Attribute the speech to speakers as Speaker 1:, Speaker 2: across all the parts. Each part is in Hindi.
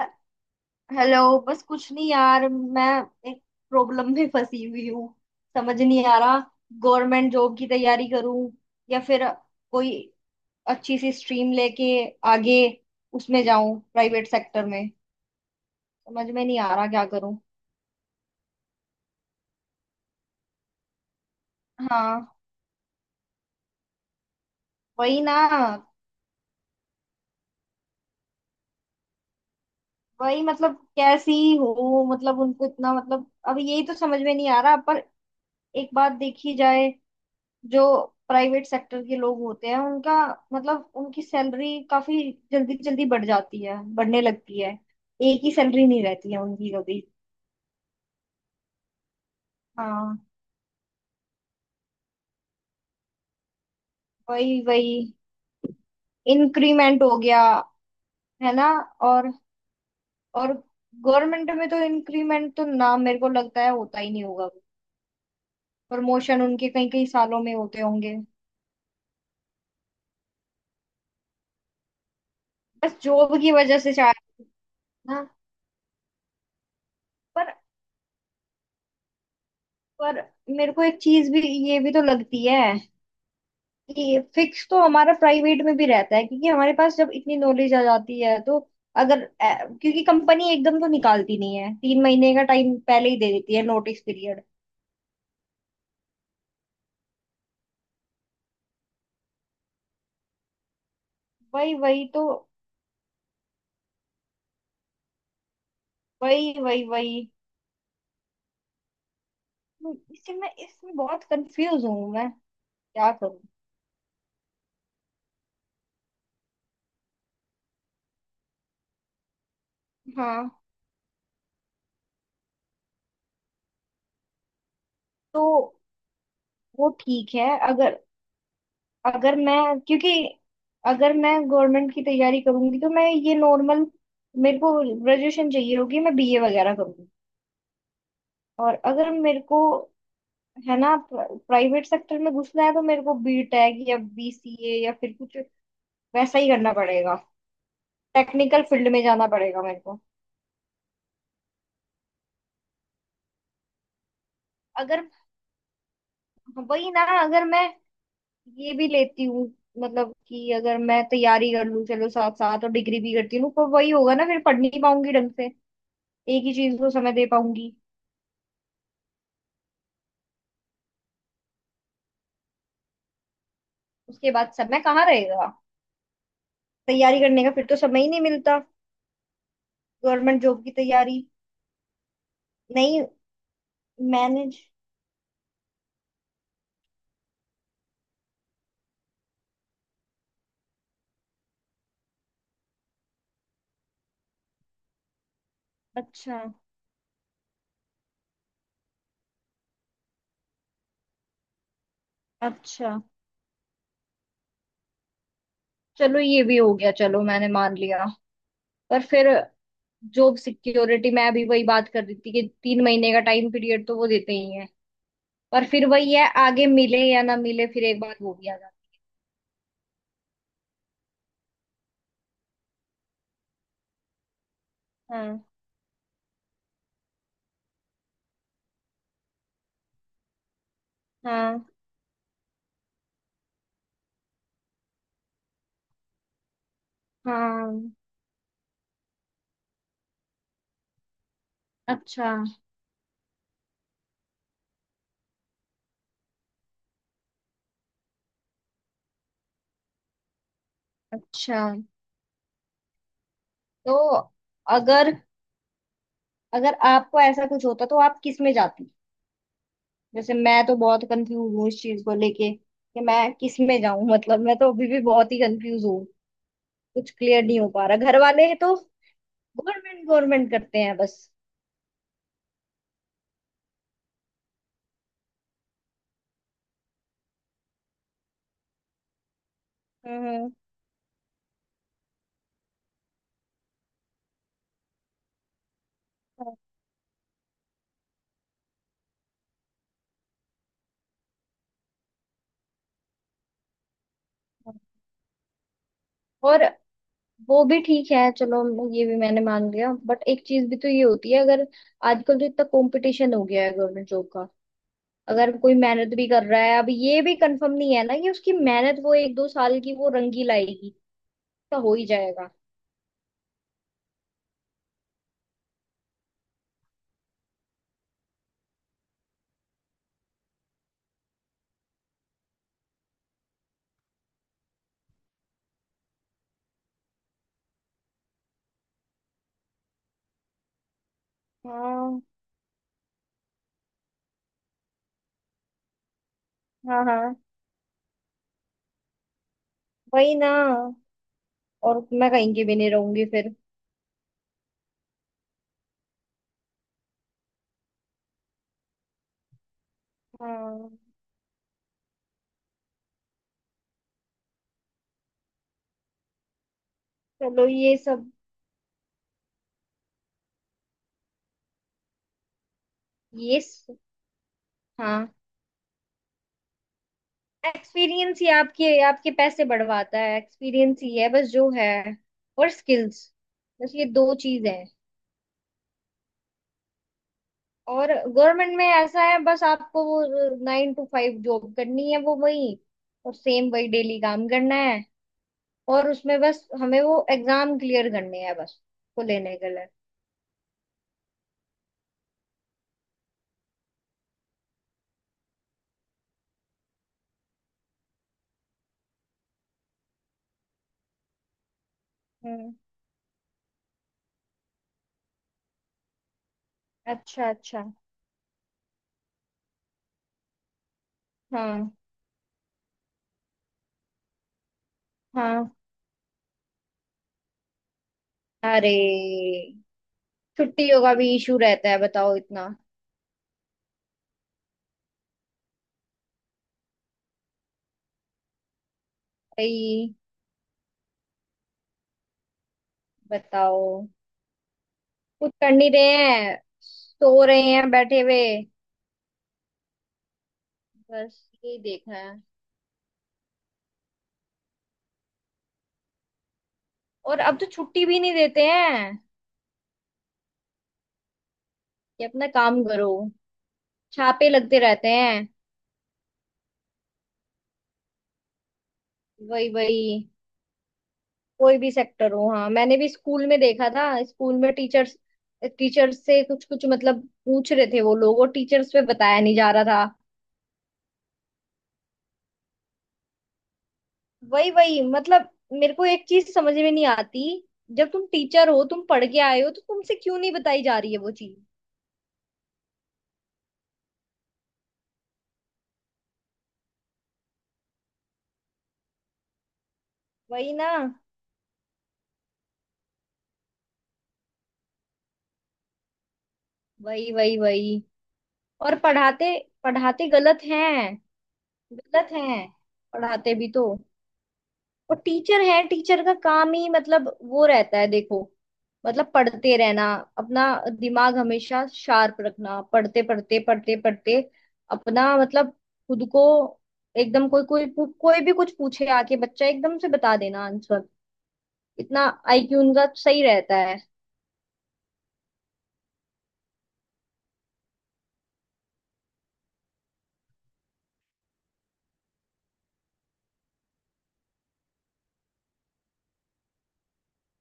Speaker 1: ह- हेलो। बस कुछ नहीं यार, मैं एक प्रॉब्लम में फंसी हुई हूँ। समझ नहीं आ रहा गवर्नमेंट जॉब की तैयारी करूँ या फिर कोई अच्छी सी स्ट्रीम लेके आगे उसमें जाऊं प्राइवेट सेक्टर में। समझ में नहीं आ रहा क्या करूं। हाँ, वही ना। वही मतलब कैसी हो मतलब उनको इतना मतलब अब यही तो समझ में नहीं आ रहा पर। एक बात देखी जाए, जो प्राइवेट सेक्टर के लोग होते हैं उनका मतलब उनकी सैलरी काफी जल्दी जल्दी बढ़ जाती है, बढ़ने लगती है। एक ही सैलरी नहीं रहती है उनकी कभी। हाँ, वही वही। इंक्रीमेंट हो गया, है ना। और और गवर्नमेंट में तो इंक्रीमेंट तो ना मेरे को लगता है होता ही नहीं होगा। प्रमोशन उनके कई कई सालों में होते होंगे। बस जॉब की वजह से शायद ना। पर पर मेरे को एक चीज भी ये भी तो लगती है। ये फिक्स तो हमारा प्राइवेट में भी रहता है, क्योंकि हमारे पास जब इतनी नॉलेज आ जाती है तो अगर क्योंकि कंपनी एकदम तो निकालती नहीं है, 3 महीने का टाइम पहले ही दे देती है, नोटिस पीरियड। वही वही तो। वही वही वही। तो इससे मैं इसमें बहुत कंफ्यूज हूँ, मैं क्या करूँ। हाँ। तो वो ठीक है अगर। अगर मैं क्योंकि अगर मैं गवर्नमेंट की तैयारी करूंगी तो मैं ये नॉर्मल मेरे को ग्रेजुएशन चाहिए होगी, मैं बीए वगैरह करूंगी। और अगर मेरे को, है ना, प्राइवेट सेक्टर में घुसना है तो मेरे को बीटेक या बीसीए या फिर कुछ वैसा ही करना पड़ेगा। टेक्निकल फील्ड में जाना पड़ेगा मेरे को। अगर वही ना, अगर मैं ये भी लेती हूँ मतलब कि अगर मैं तैयारी कर लूँ चलो साथ साथ और डिग्री भी करती हूँ पर वही होगा ना फिर पढ़ नहीं पाऊंगी ढंग से। एक ही चीज को समय दे पाऊंगी। उसके बाद समय कहाँ रहेगा। तैयारी करने का फिर तो समय ही नहीं मिलता। गवर्नमेंट जॉब की तैयारी। नहीं। मैनेज। अच्छा, अच्छा। चलो ये भी हो गया, चलो मैंने मान लिया। पर फिर जॉब सिक्योरिटी, मैं अभी वही बात कर रही थी कि 3 महीने का टाइम पीरियड तो वो देते ही है। पर फिर वही है, आगे मिले या ना मिले, फिर एक बार वो भी आ जाता है। हाँ, हाँ, हाँ। अच्छा, अच्छा। तो अगर अगर आपको ऐसा कुछ होता तो आप किस में जाती। जैसे मैं तो बहुत कंफ्यूज हूँ इस चीज को लेके कि मैं किस में जाऊं, मतलब मैं तो अभी भी बहुत ही कंफ्यूज हूँ। कुछ क्लियर नहीं हो पा रहा, घर वाले तो गवर्नमेंट गवर्नमेंट करते हैं बस। हम्म हम्म, और वो भी ठीक है, चलो ये भी मैंने मान लिया, बट एक चीज भी तो ये होती है अगर आजकल तो इतना कंपटीशन हो गया है गवर्नमेंट जॉब का। अगर कोई मेहनत भी कर रहा है, अब ये भी कंफर्म नहीं है ना कि उसकी मेहनत वो एक दो साल की वो रंगी लाएगी। तो हो ही जाएगा। हाँ, हाँ, हाँ, वही ना। और मैं कहीं की भी नहीं रहूंगी फिर। हाँ। चलो ये सब। ये स... हाँ, एक्सपीरियंस ही आपके आपके पैसे बढ़वाता है, एक्सपीरियंस ही है बस जो है। और स्किल्स। बस ये दो चीज है। और गवर्नमेंट में ऐसा है बस आपको वो 9 to 5 जॉब करनी है वो वही। और सेम वही डेली काम करना है। और उसमें बस हमें वो एग्जाम क्लियर करने हैं बस को लेने के लिए। हम्म। अच्छा, अच्छा। हाँ, हाँ। अरे, छुट्टियों का भी इशू रहता है, बताओ इतना। भाई। बताओ। कुछ कर नहीं रहे हैं, सो रहे हैं बैठे हुए। बस यही देखा है। और अब तो छुट्टी भी नहीं देते हैं, कि अपना काम करो, छापे लगते रहते हैं। वही वही। कोई भी सेक्टर हो, हाँ, मैंने भी स्कूल में देखा था। स्कूल में टीचर्स, टीचर्स से कुछ कुछ मतलब पूछ रहे थे वो लोग और टीचर्स पे बताया नहीं जा रहा था। वही वही, मतलब मेरे को एक चीज समझ में नहीं आती। जब तुम टीचर हो, तुम पढ़ के आए हो तो तुमसे क्यों नहीं बताई जा रही है वो चीज। वही ना। वही वही वही। और पढ़ाते, पढ़ाते गलत हैं, गलत हैं। पढ़ाते भी तो। और टीचर है, टीचर का काम ही मतलब वो रहता है देखो, मतलब पढ़ते रहना, अपना दिमाग हमेशा शार्प रखना, पढ़ते पढ़ते पढ़ते पढ़ते, अपना मतलब खुद को एकदम, कोई कोई कोई भी कुछ पूछे आके बच्चा एकदम से बता देना आंसर। इतना आईक्यू उनका सही रहता है।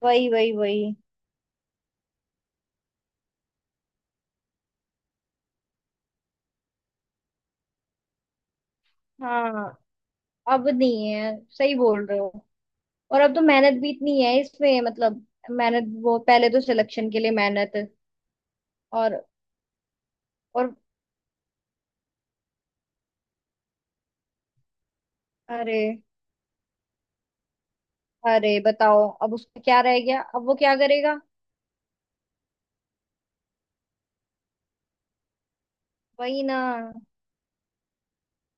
Speaker 1: वही वही वही। हाँ, अब नहीं है, सही बोल रहे हो। और अब तो मेहनत भी इतनी है इसमें, मतलब मेहनत, वो पहले तो सिलेक्शन के लिए मेहनत। और और अरे, अरे, बताओ अब उसका क्या रह गया, अब वो क्या करेगा। वही ना।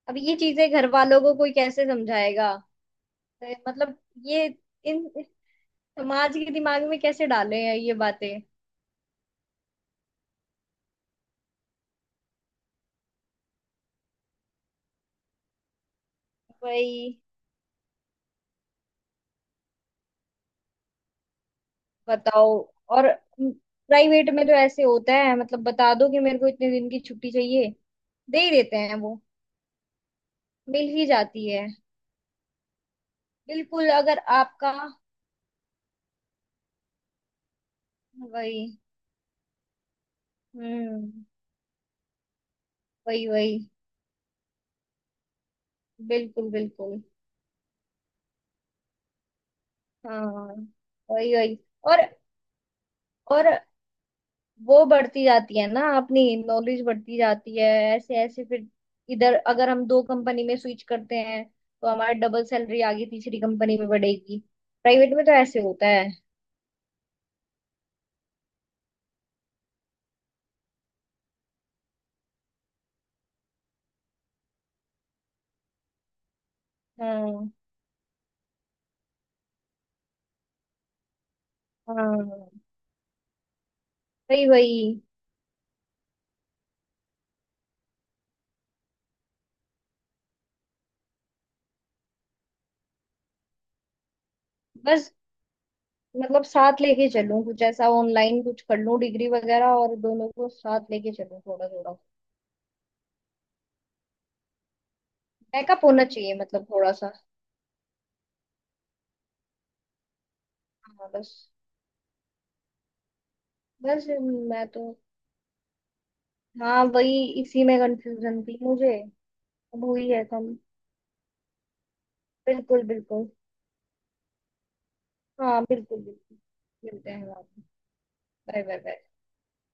Speaker 1: अब ये चीजें घर वालों को कोई कैसे समझाएगा। तो मतलब ये इन इस समाज के दिमाग में कैसे डाले हैं ये बातें। वही। बताओ। और प्राइवेट में तो ऐसे होता है, मतलब बता दो कि मेरे को इतने दिन की छुट्टी चाहिए, दे ही देते हैं वो, मिल ही जाती है। बिल्कुल, अगर आपका वही, हम्म, वही वही, बिल्कुल, बिल्कुल। हाँ, वही वही। और और वो बढ़ती जाती है ना अपनी, नॉलेज बढ़ती जाती है। ऐसे ऐसे फिर, इधर अगर हम दो कंपनी में स्विच करते हैं तो हमारा डबल सैलरी आगे तीसरी कंपनी में बढ़ेगी। प्राइवेट में तो ऐसे होता है। हाँ, हाँ, वही वही। बस मतलब साथ लेके चलूं, कुछ ऐसा ऑनलाइन कुछ कर लूं डिग्री वगैरह, और दोनों को साथ लेके चलूं थोड़ा थोड़ा। बैकअप होना चाहिए मतलब थोड़ा सा। हाँ, बस। बस मैं तो, हाँ वही, इसी में कंफ्यूजन थी मुझे। अब हुई है कम। बिल्कुल, बिल्कुल। हाँ, बिल्कुल, बिल्कुल। मिलते हैं, बाय। Bye, bye.